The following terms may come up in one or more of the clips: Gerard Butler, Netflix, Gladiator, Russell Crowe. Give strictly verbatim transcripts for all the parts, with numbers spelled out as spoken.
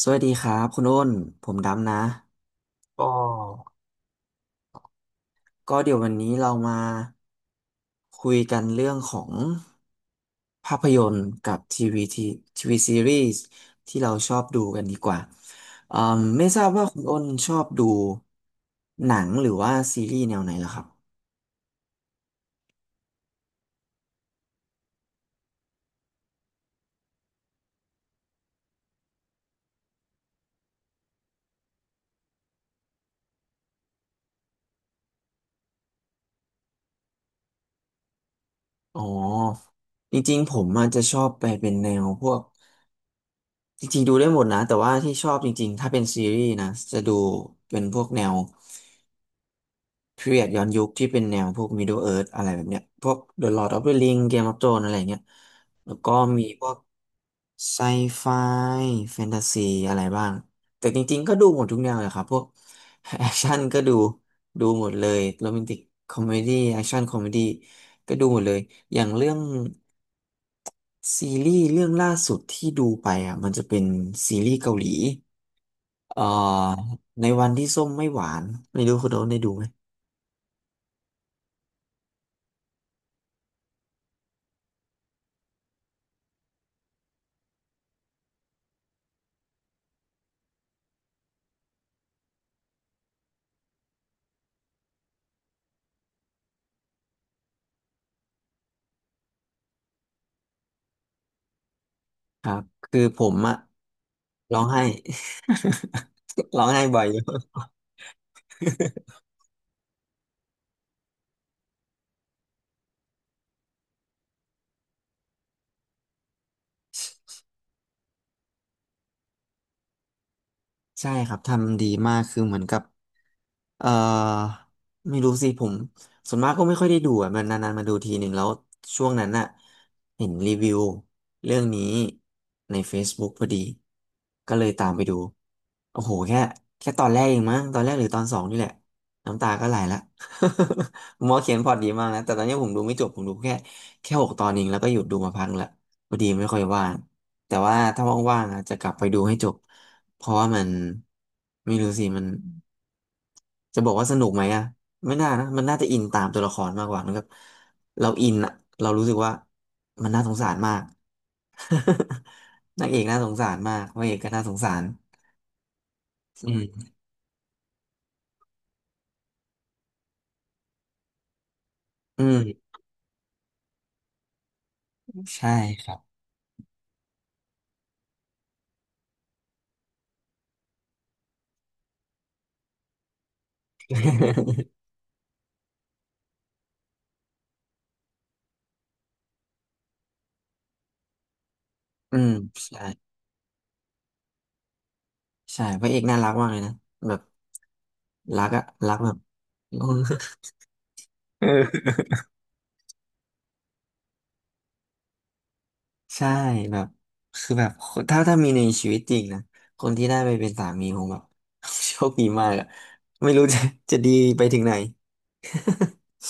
สวัสดีครับคุณอ้นผมดำนะก็ก็เดี๋ยววันนี้เรามาคุยกันเรื่องของภาพยนตร์กับทีวีทีทีวีซีรีส์ที่เราชอบดูกันดีกว่าอืมไม่ทราบว่าคุณอ้นชอบดูหนังหรือว่าซีรีส์แนวไหนล่ะครับอ๋อจริงๆผมอาจจะชอบไปเป็นแนวพวกจริงๆดูได้หมดนะแต่ว่าที่ชอบจริงๆถ้าเป็นซีรีส์นะจะดูเป็นพวกแนว พีเรียดย้อนยุคที่เป็นแนวพวก Middle Earth อะไรแบบเนี้ยพวก The Lord of the Ring Game of Thrones อะไรเงี้ยแล้วก็มีพวกไซไฟแฟนตาซีอะไรบ้างแต่จริงๆก็ดูหมดทุกแนวเลยครับพวกแอคชั่นก็ดูดูหมดเลยโรแมนติกคอมเมดี้แอคชั่นคอมเมดี้ก็ดูหมดเลยอย่างเรื่องซีรีส์เรื่องล่าสุดที่ดูไปอ่ะมันจะเป็นซีรีส์เกาหลีเอ่อในวันที่ส้มไม่หวานไม่รู้คุณโดนได้ดูไหม ครับคือผมอะร้องไห้ ร้องไห้บ่อยอยู่ ใช่ครับทำดีมากคือเหมือนกับ เอ่อไม่รู้สิผมส่วนมากก็ไม่ค่อยได้ดูอ่ะมันนานๆมาดูทีหนึ่งแล้วช่วงนั้นน่ะเห็นรีวิวเรื่องนี้ใน Facebook พอดีก็เลยตามไปดูโอ้โหแค่แค่ตอนแรกเองมั้งตอนแรกหรือตอนสองนี่แหละน้ำตาก็ไหลละ หมอเขียนพล็อตดีมากนะแต่ตอนนี้ผมดูไม่จบผมดูแค่แค่หกตอนเองแล้วก็หยุดดูมาพักละพอดีไม่ค่อยว่างแต่ว่าถ้าว่างๆอ่ะจะกลับไปดูให้จบ เพราะว่ามันไม่รู้สิมันจะบอกว่าสนุกไหมอะไม่น่านะมันน่าจะอินตามตัวละครมากกว่ามันก็เราอินอะเรารู้สึกว่ามันน่าสงสารมาก นางเอกน่าสงสารมากพระเอกก็น่าสงสารอืมอืมใช่ครับอืมใช่ใช่พระเอกน่ารักมากเลยนะแบบรักอะรักแบบ เออ ใช่แบบคือแบบถ้าถ้ามีในชีวิตจริงนะคนที่ได้ไปเป็นสามีผมแบบ โชคดีมากอะไม่รู้จะ จะดีไปถึงไหน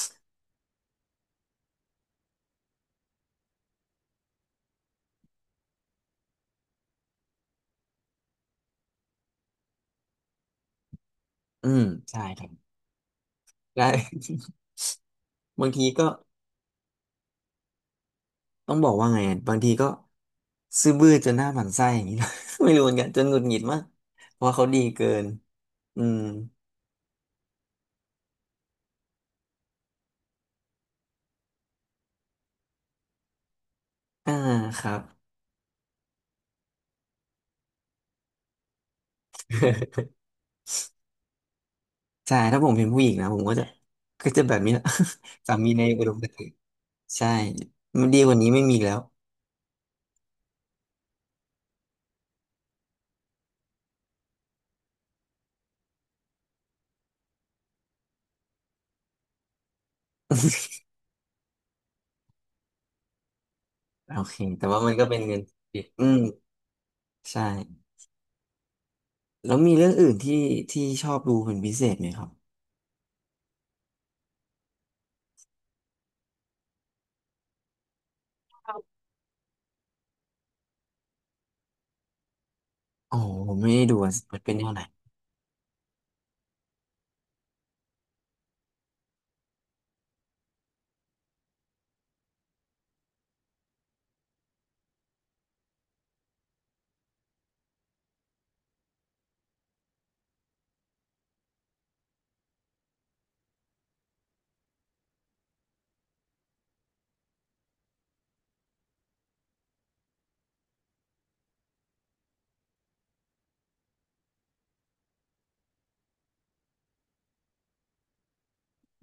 อืมใช่ครับได้ บางทีก็ต้องบอกว่าไงอะบางทีก็ซื่อบื้อจนหน้าหมั่นไส้อย่างนี้นะ ไม่รู้เหมือนกันจนหงุดหงิดมากเพราะว่าเขาดีเกินอืมอ่าครับ ใช่ถ้าผมเป็นผู้หญิงนะผมก็จะก็จะแบบนี้แหละ สามีในอุดมคติใช่มันดีกว่านี้ไม่มีแล้ว โอเคแต่ว่ามันก็เป็นเงินปิดอืมใช่แล้วมีเรื่องอื่นที่ที่ชอบดูเป็นพิเศษไหมครับอ๋อผมไม่ได้ดูอะมันเป็นแนวไหน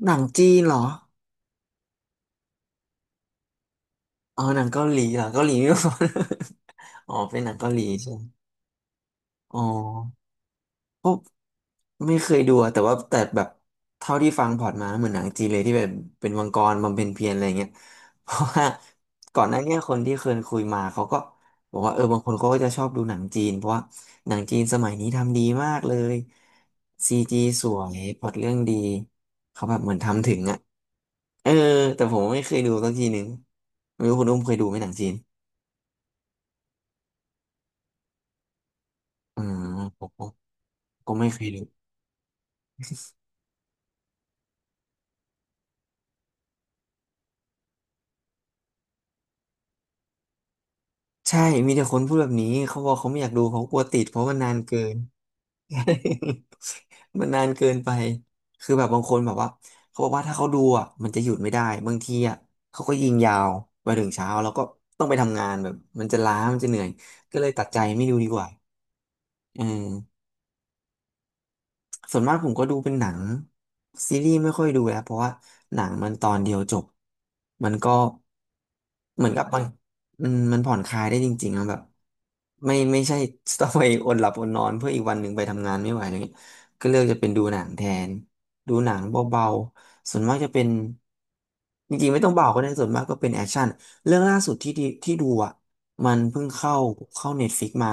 หนังจีนเหรออ๋อหนังเกาหลีเหรอเกาหลีไม่พอ อ๋อเป็นหนังเกาหลีใช่ไหมอ๋อ ก็ไม่เคยดูอะแต่ว่าแต่แบบเท่าที่ฟังพล็อร์ตมาเหมือนหนังจีนเลยที่แบบเป็นวังกรบำเพ็ญเพียรอะไรเงี้ย เพราะว่าก่อนหน้าเนี้ยคนที่เคยคุยมาเขาก็บอกว่าเออบางคนเขาก็จะชอบดูหนังจีนเพราะว่าหนังจีนสมัยนี้ทำดีมากเลยซีจีสวยพล็อตเรื่องดีเขาแบบเหมือนทำถึงอ่ะเออแต่ผมไม่เคยดูสักทีหนึ่งไม่รู้คุณอุ้มเคยดูไหมหนังจีนอืมผมก็ไม่เคยดู ใช่ มีแต่คนพูดแบบนี้เขาบอกเขาไม่อยากดูเขากลัวติดเพราะมันนานเกิน มันนานเกินไป คือแบบบางคนแบบว่าเขาบอกว่าถ้าเขาดูอ่ะมันจะหยุดไม่ได้บางทีอ่ะเขาก็ยิงยาวไปถึงเช้าแล้วก็ต้องไปทำงานแบบมันจะล้ามันจะเหนื่อยก็เลยตัดใจไม่ดูดีกว่าอืม ส่วนมากผมก็ดูเป็นหนังซีรีส์ไม่ค่อยดูแล้วเพราะว่าหนังมันตอนเดียวจบมันก็เหมือนกับมันมันมันผ่อนคลายได้จริงๆอะแบบไม่ไม่ใช่ต้องไปอดหลับอดนอนเพื่ออีกวันหนึ่งไปทำงานไม่ไหวอะไรเงี้ยก็เลือกจะเป็นดูหนังแทนดูหนังเบาๆส่วนมากจะเป็นจริงๆไม่ต้องเบาก็ได้ส่วนมากก็เป็นแอคชั่นเรื่องล่าสุดที่ดีที่ดูอ่ะมันเพิ่งเข้าเข้าเน็ตฟ i ิกมา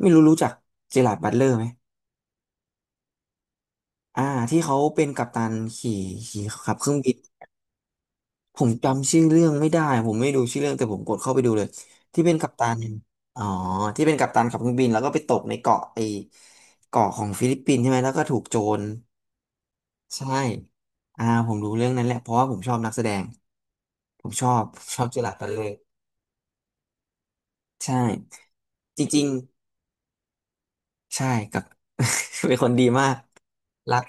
ไม่รู้รู้จักเจอราร์ดบัตเลอร์ไหม อ่าที่เขาเป็นกัปตันขี่ขี่ขับเครื่องบินผมจำชื่อเรื่องไม่ได้ผมไม่ดูชื่อเรื่องแต่ผมกดเข้าไปดูเลยที่เป็นกัปตันอ๋อที่เป็นกัปตันขับเครื่องบินแล้วก็ไปตกในเกาะไอเกาะของฟิลิปปินส์ใช่ไหมแล้วก็ถูกโจรใช่อ่าผมรู้เรื่องนั้นแหละเพราะว่าผมชอบนักแสดงผมชอบผมชอบเจอร์ราร์ดบัตเลอร์ใช่จริงๆใช่กับ เป็นคนดีมากรัก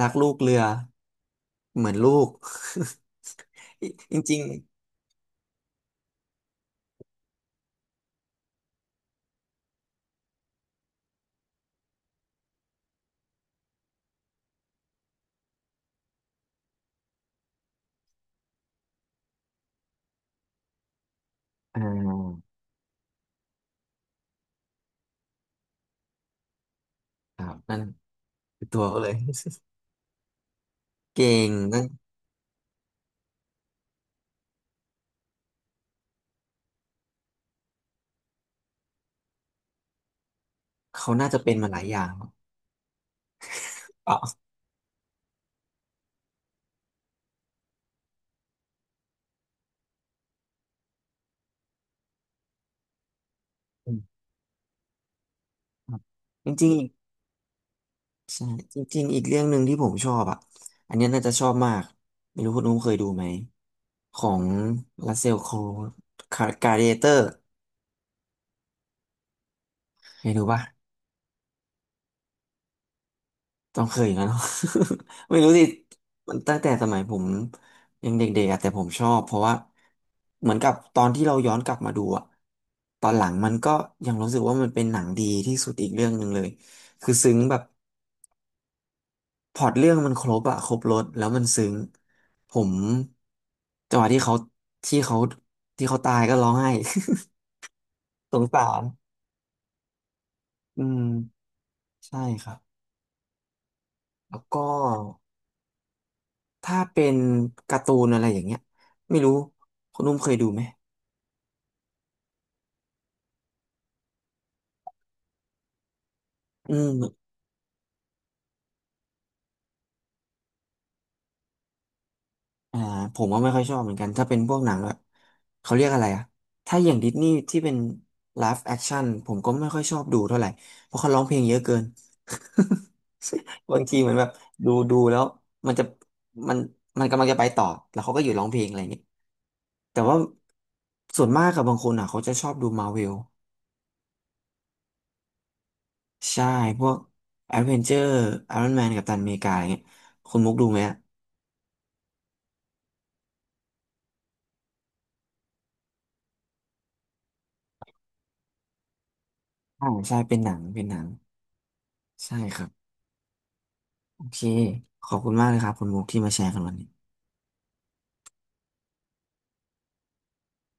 รักลูกเรือเหมือนลูก จริงๆอ่า ครับนั่นคือตัวเขาเลย เก่งนะเขาน่าจะเป็นมาหลายอย่างครับอ๋ออืมครับจริงๆอีกใช่จริงๆอีกเรื่องหนึ่งที่ผมชอบอ่ะอันเนี้ยน่าจะชอบมากไม่รู้คุณนุ้มเคยดูไหมของรัสเซลโครว์คาร์เดเตอร์เคยดูป่ะ ต้องเคยอย่างนั้นหรอ ไม่รู้สิมันตั้งแต่สมัยผมยังเด็กๆอะแต่ผมชอบเพราะว่าเหมือนกับตอนที่เราย้อนกลับมาดูอะตอนหลังมันก็ยังรู้สึกว่ามันเป็นหนังดีที่สุดอีกเรื่องหนึ่งเลยคือซึ้งแบบพล็อตเรื่องมันครบอะครบรสแล้วมันซึ้งผมจังหวะที่เขาที่เขาที่เขาตายก็ร้องไห้ สงสารอืมใช่ครับแล้วก็ ถ้าเป็นการ์ตูนอะไรอย่างเงี้ยไม่รู้คุณนุ่มเคยดูไหมอืมอ่าผมก็ไม่ค่อยชอบเหมือนกันถ้าเป็นพวกหนังแบบเขาเรียกอะไรอะถ้าอย่างดิสนีย์ที่เป็นไล i v e อคช i ่ n ผมก็ไม่ค่อยชอบดูเท่าไหร่เพราะเขาร้องเพลงเยอะเกิน บางทีเหมือนแบบดูดูแล้วมันจะมันมันกำลังจะไปต่อแล้วเขาก็อยู่ร้องเพลงอะไรอย่างเงี้ยแต่ว่าส่วนมากกับบางคนอ่ะเขาจะชอบดูมา r v เวล ใช่พวกแอดเวนเจอร์ไอรอนแมนกัปตันอเมริกาอะไรเงี้ยคุณมุกดูไหมอ่ะอ่าใช่เป็นหนังเป็นหนัง ใช่ครับ โอเคขอบคุณมากเลยครับคุณมุกที่มาแชร์กันวันนี้